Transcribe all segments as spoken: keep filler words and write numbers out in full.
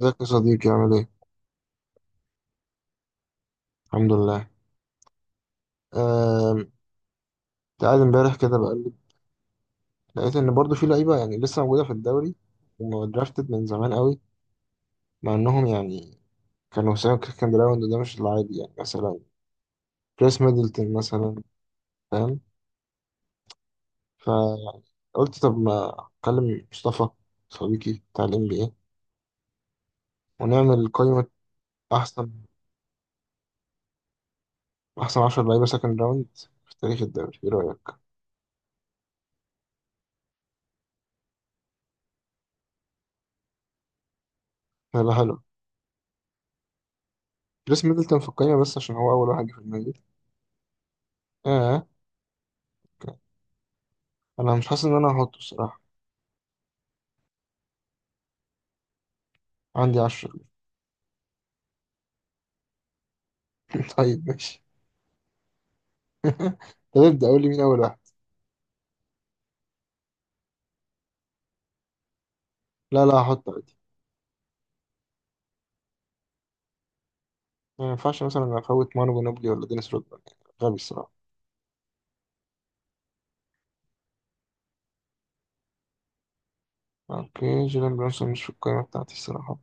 ازيك يا صديقي؟ عامل ايه؟ الحمد لله. آم، تعال امبارح كده بقلب، لقيت ان برضو في لعيبه يعني لسه موجوده في الدوري ومدرافتد من زمان قوي، مع انهم يعني كانوا ساهم كان جراوند وده مش العادي، يعني مثلا كريس ميدلتون مثلا، فاهم. فقلت طب ما اكلم مصطفى، صديقي بتاع الام بي اي، ونعمل قائمه احسن احسن عشرة لعيبه سكند راوند في تاريخ الدوري، ايه رايك؟ هيبقى حلو. كريس ميدلتون في القائمه، بس عشان هو اول واحد جه في دماغي. آه. انا مش حاسس ان انا هحطه الصراحه. عندي عشرة. طيب ماشي. طب ابدأ قول لي مين أول واحد. لا لا هحط عادي. ما ينفعش مثلا أفوت مانو جنوبلي ولا دينيس رودمان، يعني غبي الصراحة. أوكي، جيلان برونسون مش في القائمة بتاعتي الصراحة.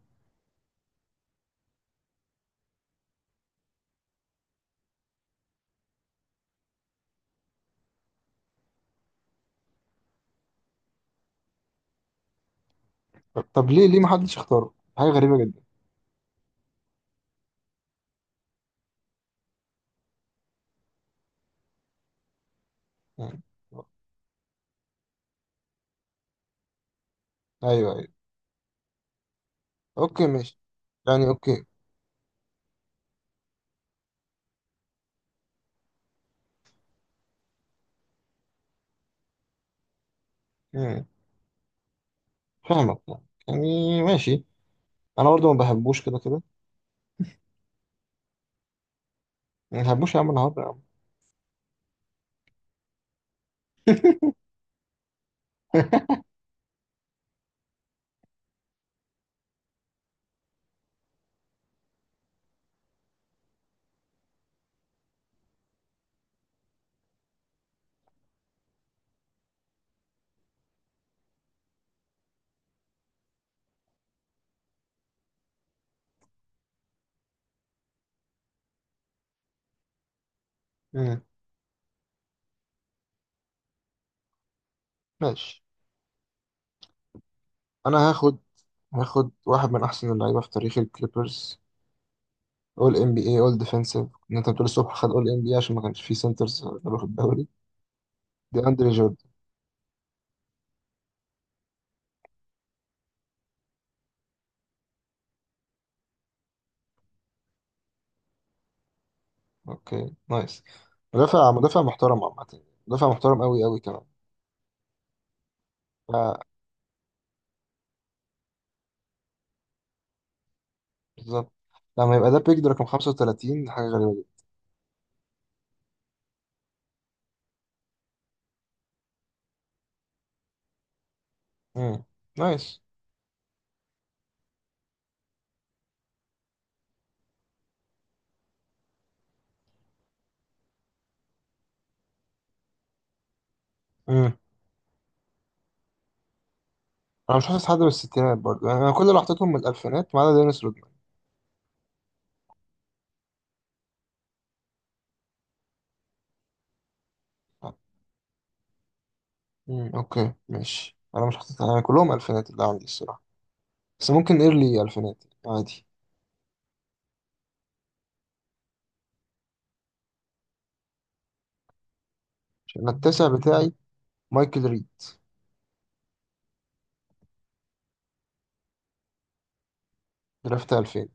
طب, طب ليه ليه محدش اختاره؟ حاجة غريبة جدا. يعني أيوه أيوه. أوكي ماشي. يعني أوكي. مم. فاهمك، يعني يعني ماشي. أنا برضو ما بحبوش كده كده. ما بحبوش يا عم النهاردة يا عم. مم. ماشي. أنا هاخد، هاخد واحد من أحسن اللعيبة في تاريخ الكليبرز، اول ام بي اي، اول ديفensive، ان انت بتقول الصبح خد اول ام بي اي عشان ما كانش فيه سنترز قالوا في الدوري، دي اندري جوردن. اوكي نايس. مدافع مدافع محترم عامة، مدافع محترم قوي قوي كمان. ف- بالظبط. لما يبقى ده بيك ده رقم خمسة وتلاتين، حاجة غريبة جدا. امم، نايس. امم، انا مش حاسس حد من الستينات برضه يعني، انا كل اللي حطيتهم من الالفينات ما عدا دينيس رودمان. امم اوكي ماشي. انا مش حاطط يعني، كلهم الفينات اللي عندي الصراحة، بس ممكن ايرلي الفينات عادي. عشان التاسع بتاعي مايكل ريد، درافت الفين.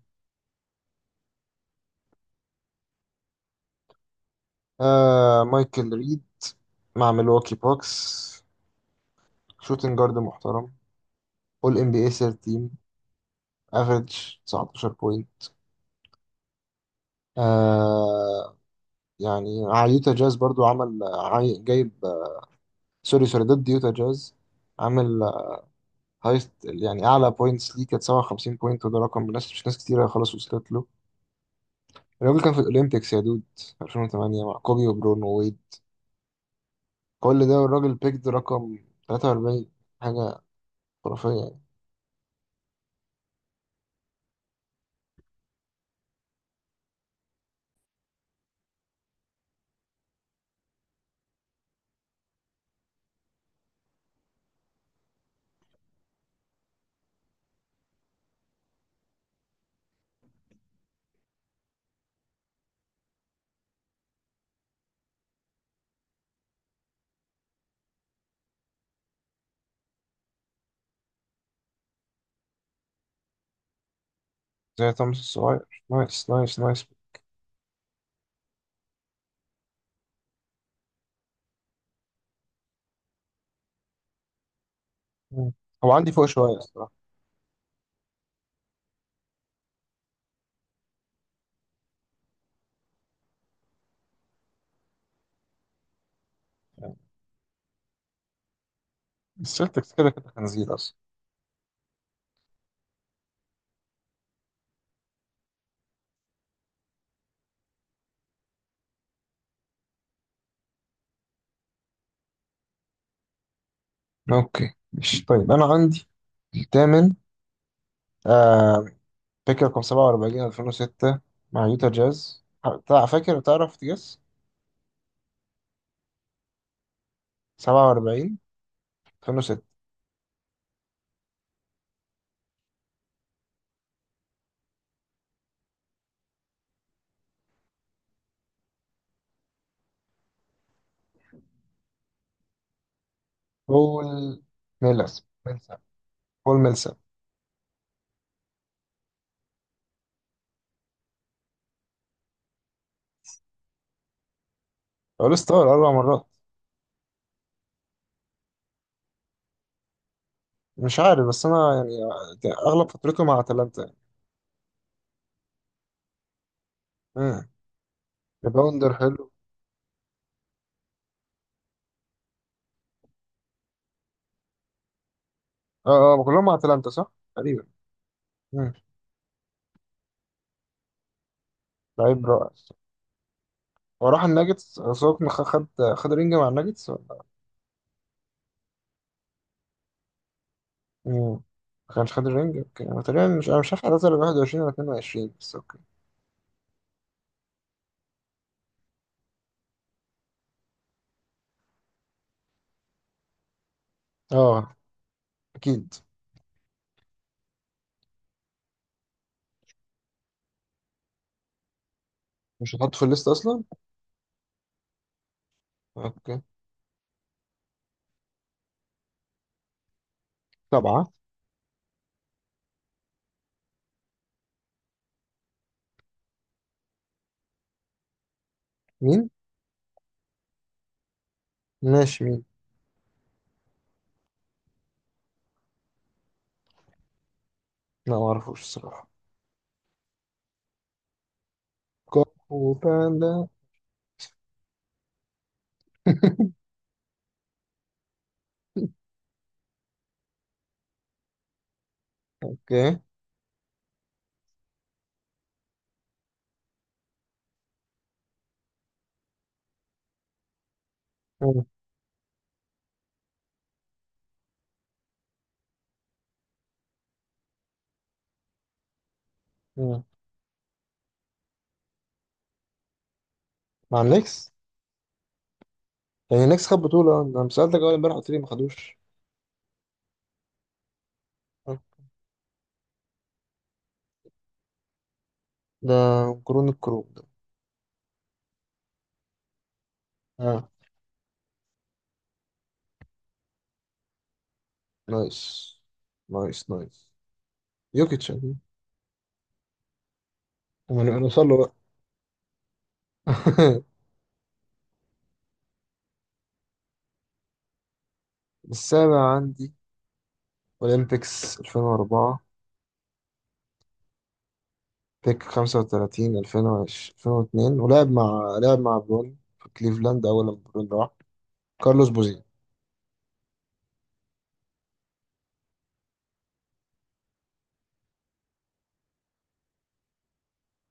آه مايكل ريد، مع ميلواكي بوكس، شوتنج جارد محترم، اول ام بي اي سير تيم، افريج تسعتاشر بوينت. آه، يعني مع يوتا جاز برضو عمل عاي- جايب، سوري سوري، ضد يوتا جاز، عامل هايست يعني اعلى بوينتس ليه، كانت سبعة وخمسين بوينت، وده رقم ناس مش ناس كتيره خلاص وصلت له. الراجل كان في الاولمبيكس يا دود، الفين وتمانية مع كوبي وبرون وويد، كل ده والراجل بيكد رقم تلاتة واربعين. حاجه خرافيه يعني. زي توماس الصغير، نايس نايس نايس. مم. هو عندي فوق شوية الصراحة. يعني السلتكس كده كده خنزير أصلا. أوكي مش، طيب أنا عندي الثامن، آه، بيك رقم سبعة واربعين الفين وستة مع يوتا جاز. تع- فاكر؟ تعرف تجس؟ سبعة واربعين الفين وستة. بول ميلس ميلسا، بول ميلسا. أول ستار أربع مرات. مش عارف، بس أنا يعني أغلب فترته مع أتلانتا يعني. مم. ريباوندر حلو. أه أه كلهم مع أتلانتا صح؟ تقريبا. مم. لعيب رائع. وراح الناجتس، سوق خد، خد رينج مع الناجتس ولا؟ مم. ما كانش خد الرينج. اوكي انا تقريبا مش، انا مش عارف، اعتذر واحد وعشرين ولا اتنين وعشرين، بس اوكي. اه اكيد. مش هتحط في الليست اصلا؟ اوكي. سبعة. مين؟ ماشي، مين؟ لا ما اعرفوش الصراحة. كونغ باندا. اوكي. مم. مم. مع النكس. يعني النكس خد بطولة؟ انا لما سألتك اول امبارح قلت لي ما خدوش. آه. ده كرون الكروب ده. اه نايس، نايس نايس. يوكيتش أكيد. ومن وصل له بقى؟ السابع عندي أولمبيكس الفين واربعة، بيك خمسة وتلاتين الفين وعشرين الفين واتنين، ولعب مع لعب مع برون في كليفلاند أول لما برون راح، كارلوس بوزين.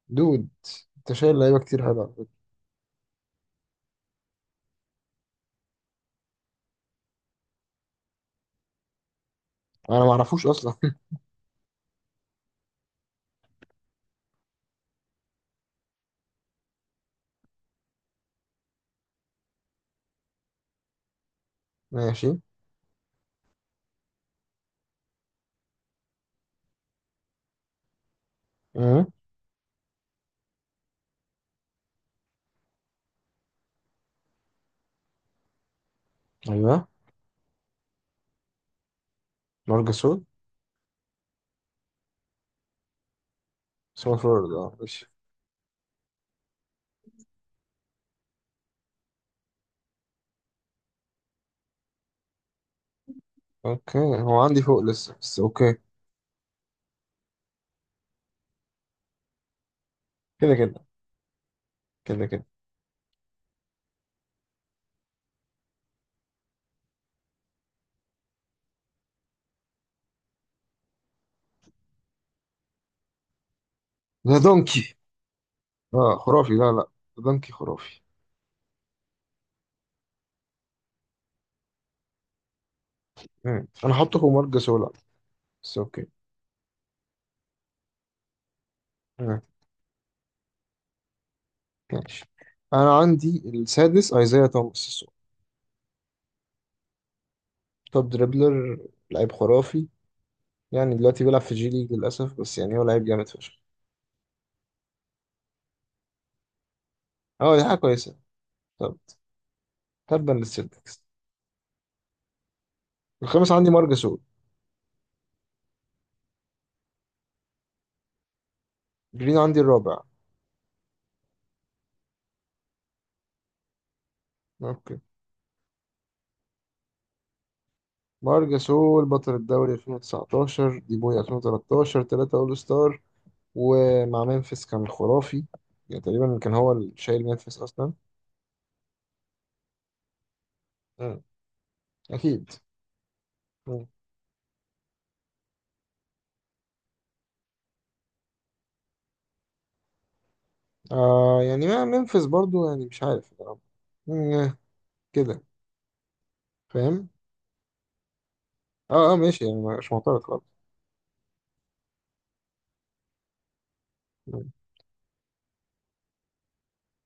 دود أنت شايل لعيبة كتير حلوة على فكرة. أنا ما أعرفوش أصلا. ماشي. أمم، أيوه. مارجاسول. سمول فورورد، أه ماشي. أوكي هو عندي فوق لسه، بس أوكي. كده كده، كده كده. ده دونكي. أه خرافي، لا لا، ده دونكي خرافي. أمم، أنا حاطه فوق مارجاسول، بس أوكي. مم. ماشي. انا عندي السادس ايزايا توماس الصو- توب دريبلر، لعيب خرافي، يعني دلوقتي بيلعب في جي ليج للاسف، بس يعني هو لعيب جامد فشخ. اه دي حاجه كويسه. طب، تبا للسيلتكس. الخامس عندي مارجاسول. جرين عندي الرابع. اوكي. مارجاسول بطل الدوري الفين وتسعتاشر، دي بوي الفين وتلتاشر، ثلاثة اول ستار، ومع ممفيس كان خرافي. يعني تقريبا كان هو اللي شايل ممفيس اصلا. مم. اكيد. مم. آه يعني، ما ممفيس برضو يعني مش عارف. مم. كده. فاهم. اه اه ماشي، يعني مش معترض خالص.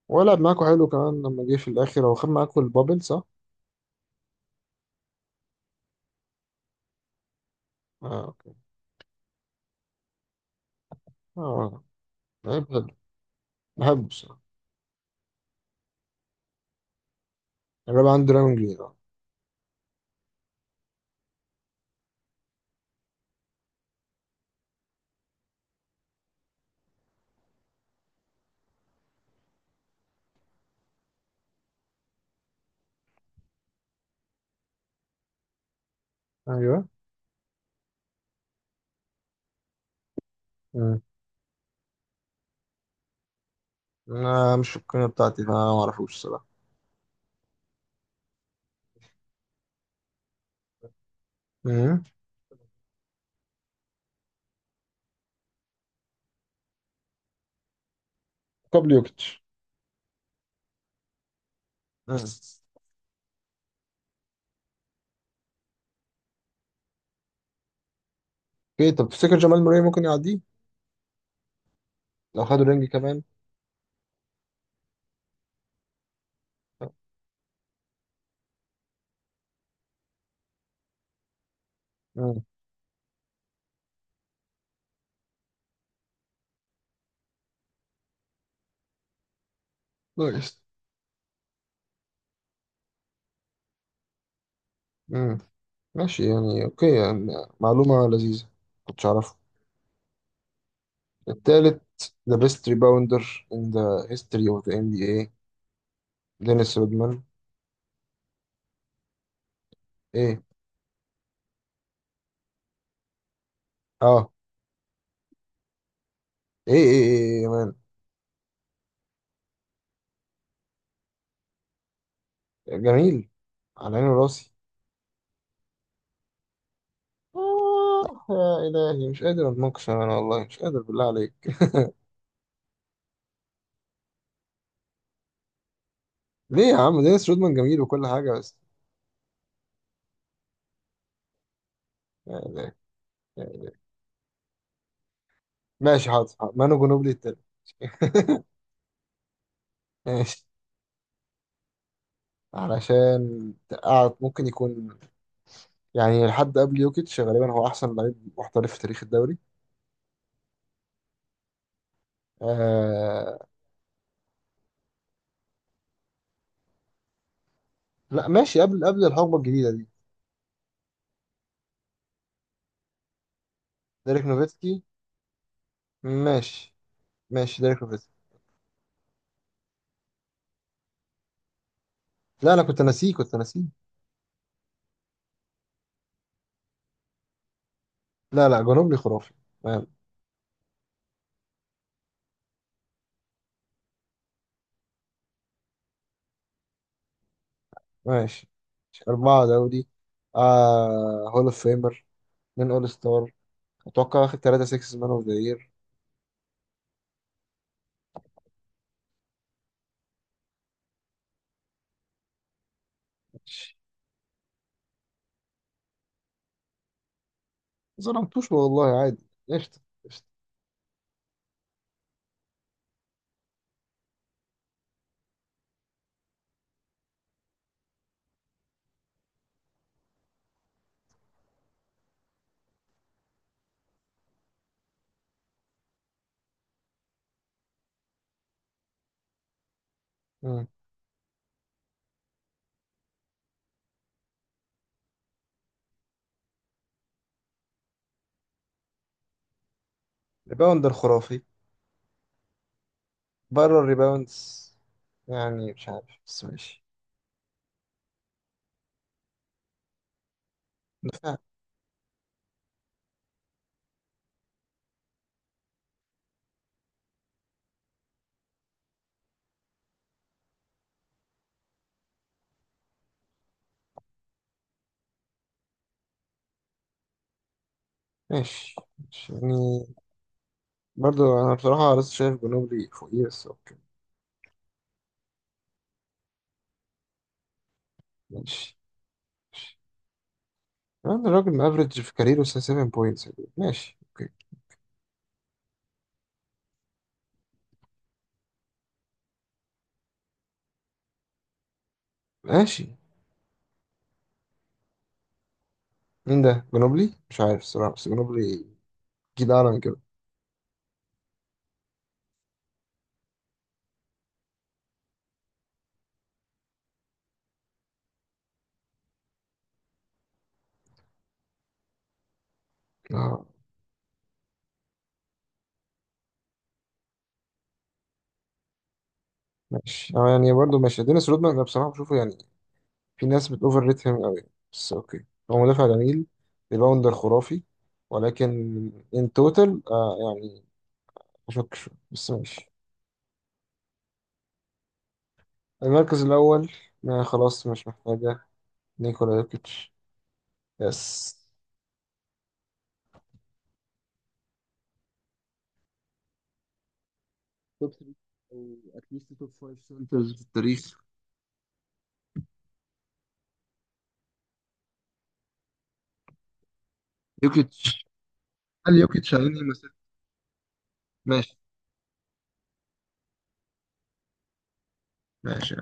ولعب معاكوا حلو كمان لما جه في الاخر، هو خد معاكوا البابل صح؟ اه اوكي. اه لعيب حلو، بحبه الصراحه. الرابع عندي دراجون جليد اه. ايوه. مم. انا مش في القناة بتاعتي، فانا ما اعرفوش الصراحه. مم. قبل يوكيتش. مم. اوكي. طب تفتكر جمال موري ممكن يعديه؟ لو خد الرينج كمان. مم. نايس. مم. ماشي يعني اوكي يعني. معلومة لذيذة، كنتش اعرفها. التالت the best rebounder in the history of the ان بي ايه، دينيس رودمان. ايه؟ اه ايه ايه ايه يا مان. جميل، على عيني وراسي. آه، يا إلهي، مش قادر أتناقش أنا، والله مش قادر، بالله عليك. ليه يا عم؟ دينيس رودمان جميل وكل حاجة، بس. يا إلهي. ماشي حاضر حاضر. مانو جنوبلي التاني. ماشي. علشان قاعد ممكن يكون، يعني لحد قبل يوكيتش غالبا هو أحسن لعيب محترف في تاريخ الدوري. آه. لا ماشي، قبل قبل الحقبة الجديدة دي. ديريك نوفيتسكي. ماشي. ماشي، ديريك نوفيتسكي. لا انا كنت ناسيه، كنت ناسيه لا لا جنوبلي خرافي. ما- ماشي. أربعة دوري، آه، هول اوف فيمر، اتنين اول ستار، اتوقع واخد تلاتة سكس مان اوف ذا يير. ظلمتوش والله، عادي قشطة، قشطة. مم. ريباوندر خرافي، بره الريباوندز، يعني مش عارف بس ماشي. ماشي ماشي. يعني برضو انا بصراحة لسه شايف جنوبلي فوقيه، بس اوكي. ماشي. يعني الراجل مافريج في كاريره سبعة بوينتس. ماشي اوكي. ماشي. مين ده؟ جنوبلي، مش عارف الصراحه، بس جنوبلي جيل اعلى من كده. اه ماشي. اه يعني برضه ماشي. دينيس رودمان انا بصراحه بشوفه يعني، في ناس بتوفر ريت هيم قوي، بس اوكي. هو مدافع جميل، ريباوندر خرافي، ولكن ان توتال آه يعني، اشك شويه، بس ماشي. المركز الاول. ما خلاص مش محتاجه. نيكولا يوكيتش. يس. توب تلاتة، او اتليست توب خمسة سنترز في التاريخ. يوكيتش، هل يوكيتش هينهي مسيرته؟ ماشي ماشي.